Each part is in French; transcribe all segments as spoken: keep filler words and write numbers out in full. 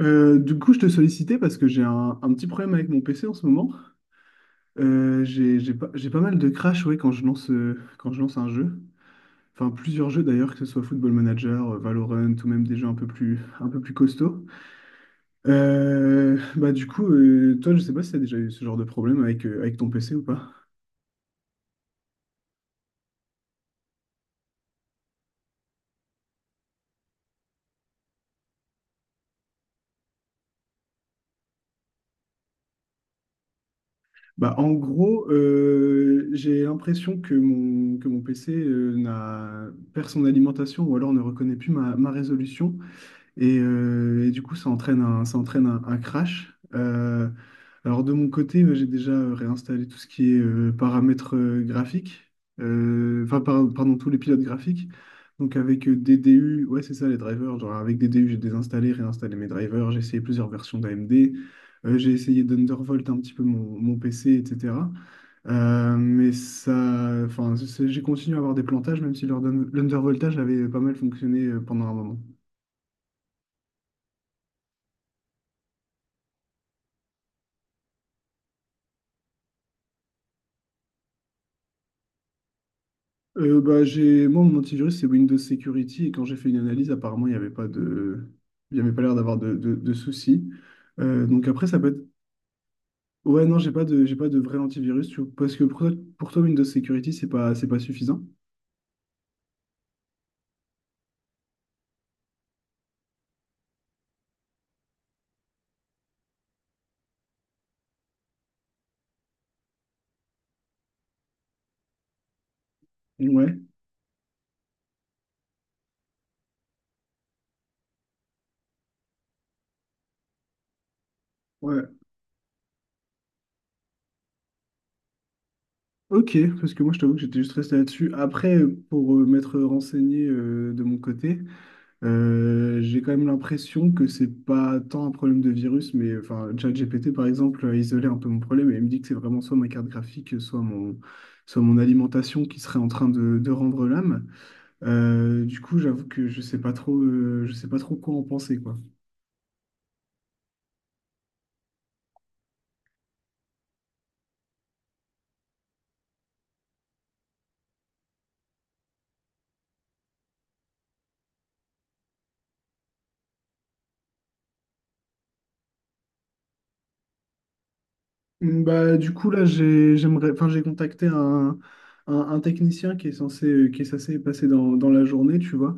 Euh, du coup, je te sollicitais parce que j'ai un, un petit problème avec mon P C en ce moment. Euh, j'ai, j'ai pas, j'ai pas mal de crash, ouais, quand je lance, euh, quand je lance un jeu. Enfin, plusieurs jeux d'ailleurs, que ce soit Football Manager, euh, Valorant ou même des jeux un peu plus, un peu plus costauds. Euh, bah, du coup, euh, toi, je sais pas si tu as déjà eu ce genre de problème avec, euh, avec ton P C ou pas. Bah, en gros, euh, j'ai l'impression que mon, que mon P C euh, n'a, perd son alimentation ou alors ne reconnaît plus ma, ma résolution. Et, euh, et du coup, ça entraîne un, ça entraîne un, un crash. Euh, alors de mon côté, euh, j'ai déjà euh, réinstallé tout ce qui est euh, paramètres euh, graphiques. Euh, enfin par- pardon, tous les pilotes graphiques. Donc avec euh, D D U, ouais c'est ça, les drivers. Genre, avec D D U, j'ai désinstallé, réinstallé mes drivers, j'ai essayé plusieurs versions d'A M D. Euh, j'ai essayé d'Undervolt un petit peu mon, mon P C, et cetera. Euh, mais ça, enfin c'est- j'ai continué à avoir des plantages, même si leur- l'Undervoltage avait pas mal fonctionné euh, pendant un moment. Euh, bah, j'ai... Moi, mon antivirus, c'est Windows Security. Et quand j'ai fait une analyse, apparemment, il n'y avait pas de... il n'y avait pas l'air d'avoir de, de, de soucis. Euh, donc après, ça peut être... Ouais, non, j'ai pas de, j'ai pas de vrai antivirus, tu vois. Parce que pour toi, pour toi, Windows Security, c'est pas, c'est pas suffisant. Ouais, ouais. Ok, parce que moi, je t'avoue que j'étais juste resté là-dessus. Après, pour euh, m'être renseigné euh, de mon côté, Euh, j'ai quand même l'impression que c'est pas tant un problème de virus. Mais enfin, ChatGPT par exemple a isolé un peu mon problème et il me dit que c'est vraiment soit ma carte graphique, soit mon, soit mon alimentation qui serait en train de, de rendre l'âme. Euh, du coup, j'avoue que je sais pas trop, euh, je sais pas trop quoi en penser, quoi. Mm. Bah, du coup, là, j'ai, j'aimerais, enfin, j'ai contacté un, un, un technicien qui est censé, qui est censé passer dans, dans la journée, tu vois.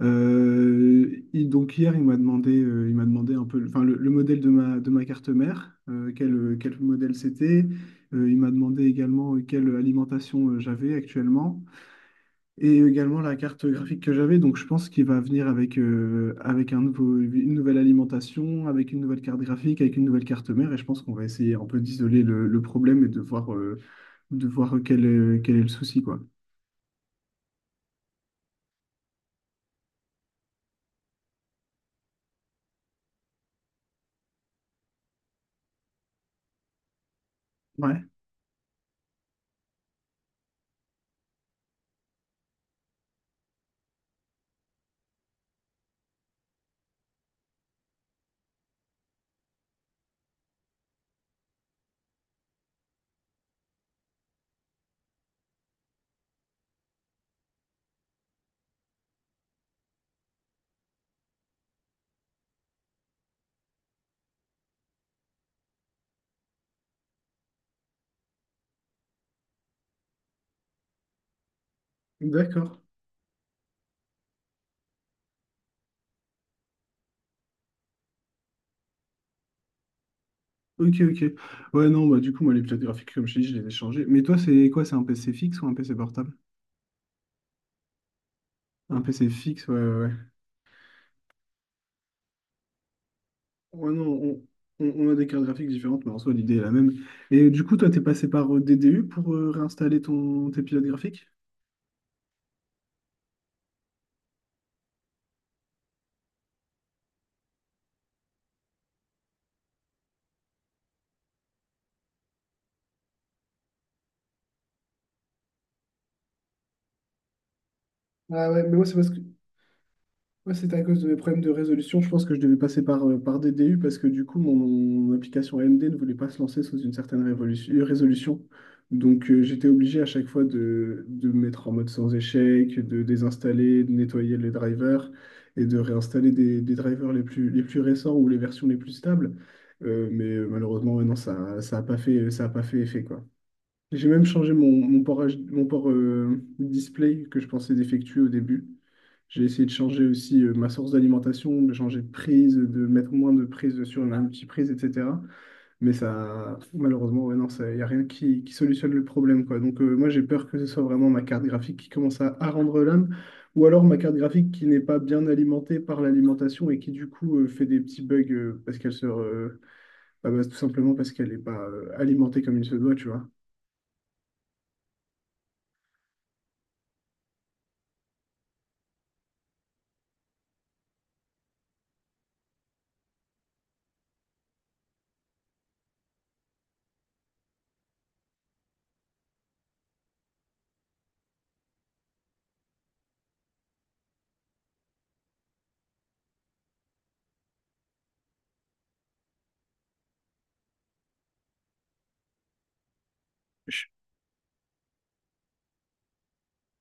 Euh, il- donc hier, il m'a demandé, euh, il m'a demandé un peu, enfin, le, le modèle de ma, de ma carte mère, euh, quel, quel modèle c'était. Euh, il m'a demandé également euh, quelle alimentation euh, j'avais actuellement. Et également la carte graphique que j'avais. Donc je pense qu'il va venir avec, euh, avec un nouveau, une nouvelle alimentation, avec une nouvelle carte graphique, avec une nouvelle carte mère, et je pense qu'on va essayer un peu d'isoler le, le problème et de voir, euh, de voir quel est, quel est le souci, quoi. Ouais, d'accord. Ok, ok. Ouais, non, bah du coup, moi, les plaques graphiques, comme je t'ai dit, je les ai changées. Mais toi, c'est quoi? C'est un P C fixe ou un P C portable? Un P C fixe, ouais, ouais, ouais. Ouais, non, on, on- on a des cartes graphiques différentes, mais en soi, l'idée est la même. Et du coup, toi, t'es passé par euh, D D U pour euh, réinstaller ton, tes pilotes graphiques? Ah, ouais, mais moi, c'est parce que moi, c'était à cause de mes problèmes de résolution. Je pense que je devais passer par, euh, par D D U parce que du coup, mon, mon application A M D ne voulait pas se lancer sous une certaine révolution- euh, résolution. Donc, euh, j'étais obligé à chaque fois de, de me mettre en mode sans échec, de désinstaller, de nettoyer les drivers et de réinstaller des, des drivers les plus, les plus récents ou les versions les plus stables. Euh, mais euh, malheureusement, ouais, non, ça, ça a pas fait, ça a pas fait effet, quoi. J'ai même changé mon, mon port, H- mon port euh, display que je pensais défectueux au début. J'ai essayé de changer aussi euh, ma source d'alimentation, de changer de prise, de mettre moins de prise sur une petite multiprise, et cetera. Mais ça, malheureusement, ouais, non, il n'y a rien qui, qui solutionne le problème, quoi. Donc, euh, moi, j'ai peur que ce soit vraiment ma carte graphique qui commence à, à rendre l'âme, ou alors ma carte graphique qui n'est pas bien alimentée par l'alimentation et qui, du coup, euh, fait des petits bugs euh, parce qu'elle se... re- bah, bah, tout simplement parce qu'elle n'est pas euh, alimentée comme il se doit, tu vois.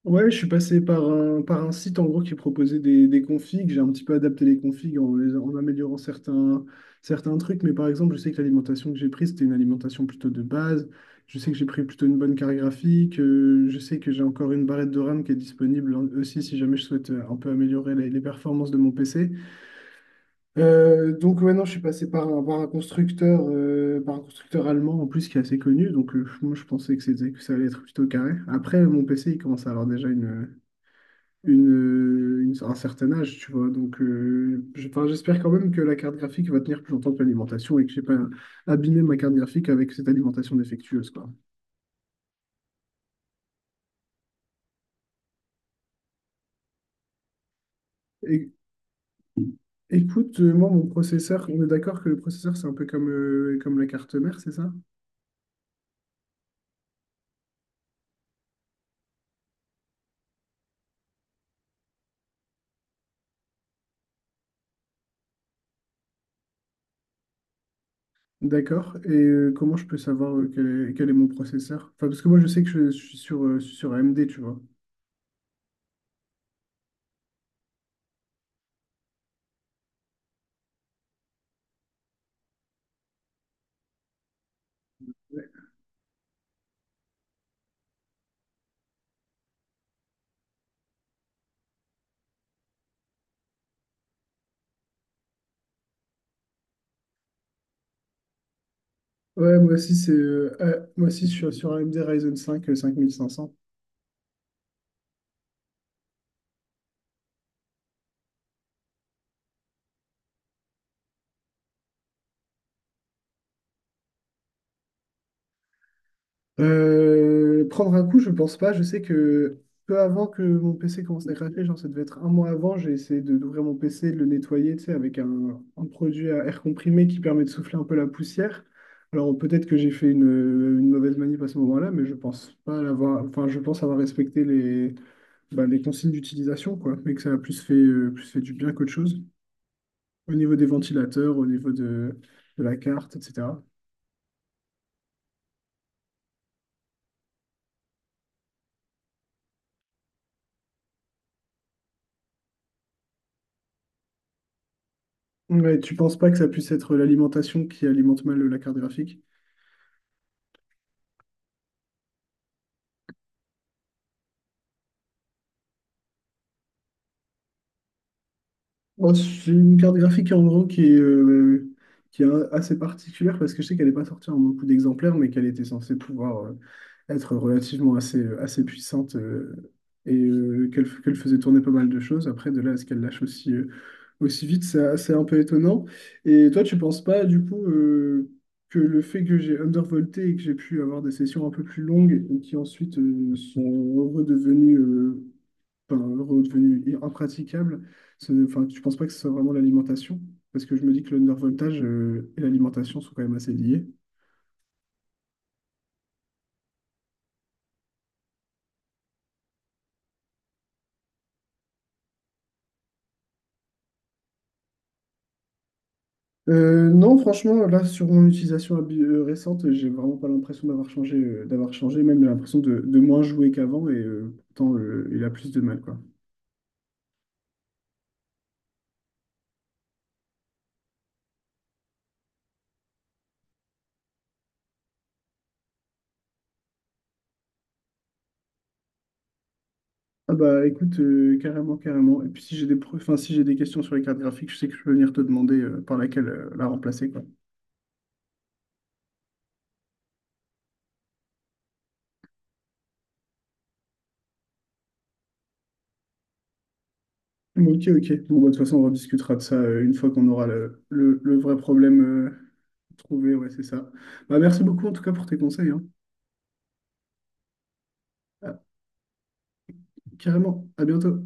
Ouais, je suis passé par un, par un site en gros qui proposait des, des configs. J'ai un petit peu adapté les configs en, les- en améliorant certains, certains trucs. Mais par exemple, je sais que l'alimentation que j'ai prise, c'était une alimentation plutôt de base. Je sais que j'ai pris plutôt une bonne carte graphique. Euh, je sais que j'ai encore une barrette de RAM qui est disponible en- aussi, si jamais je souhaite euh, un peu améliorer les, les performances de mon P C. Euh, donc ouais, non, je suis passé par un, par un constructeur, euh, par un constructeur allemand en plus qui est assez connu. Donc euh, moi, je pensais que c'était, que ça allait être plutôt carré. Après, mon P C, il commence à avoir déjà une une, une- un certain âge, tu vois. Donc, euh, je- enfin, j'espère quand même que la carte graphique va tenir plus longtemps que l'alimentation et que j'ai pas abîmé ma carte graphique avec cette alimentation défectueuse, quoi. Et, écoute, euh, moi, mon processeur, on est d'accord que le processeur, c'est un peu comme, euh, comme la carte mère, c'est ça? D'accord. Et euh, comment je peux savoir euh, quel est, quel est mon processeur? Enfin, parce que moi, je sais que je, je suis sur, euh, sur A M D, tu vois. Ouais, ouais, moi aussi, c'est, euh, ah, moi aussi, je suis sur A M D Ryzen cinq euh, cinq mille cinq cents. Euh, prendre un coup, je pense pas. Je sais que peu avant que mon P C commence à craquer, genre ça devait être un mois avant, j'ai essayé de- d'ouvrir mon P C, de le nettoyer, tu sais, avec un, un produit à air comprimé qui permet de souffler un peu la poussière. Alors peut-être que j'ai fait une, une mauvaise manip à ce moment-là, mais je pense pas l'avoir. Enfin, je pense avoir respecté les, bah, les consignes d'utilisation, quoi, mais que ça a plus fait, euh, plus fait du bien qu'autre chose. Au niveau des ventilateurs, au niveau de, de la carte, et cetera. Mais tu penses pas que ça puisse être l'alimentation qui alimente mal la carte graphique? Bon, c'est une carte graphique en gros qui est, euh, qui est assez particulière parce que je sais qu'elle n'est pas sortie en beaucoup d'exemplaires, mais qu'elle était censée pouvoir euh, être relativement assez, euh, assez puissante euh, et euh, qu'elle f- qu'elle faisait tourner pas mal de choses. Après, de là à ce qu'elle lâche aussi, euh, aussi vite, c'est assez un peu étonnant. Et toi, tu penses pas du coup euh, que le fait que j'ai undervolté et que j'ai pu avoir des sessions un peu plus longues et qui ensuite euh, sont redevenues, euh, enfin, redevenu impraticable. Ce- Enfin, tu ne penses pas que ce soit vraiment l'alimentation? Parce que je me dis que le undervoltage euh, et l'alimentation sont quand même assez liés. Euh, non, franchement, là, sur mon utilisation habi- euh, récente, j'ai vraiment pas l'impression d'avoir changé, euh, d'avoir changé, même j'ai l'impression de, de moins jouer qu'avant, et euh, pourtant, euh, il a plus de mal, quoi. Ah bah écoute, euh, carrément, carrément. Et puis si j'ai des, pro- enfin, si j'ai des questions sur les cartes graphiques, je sais que je peux venir te demander euh, par laquelle euh, la remplacer, quoi. Bon, ok, ok. Bon, bah, de toute façon, on rediscutera de ça euh, une fois qu'on aura le, le, le vrai problème euh, trouvé, ouais, c'est ça. Bah, merci beaucoup en tout cas pour tes conseils, hein. Ah, carrément, à bientôt.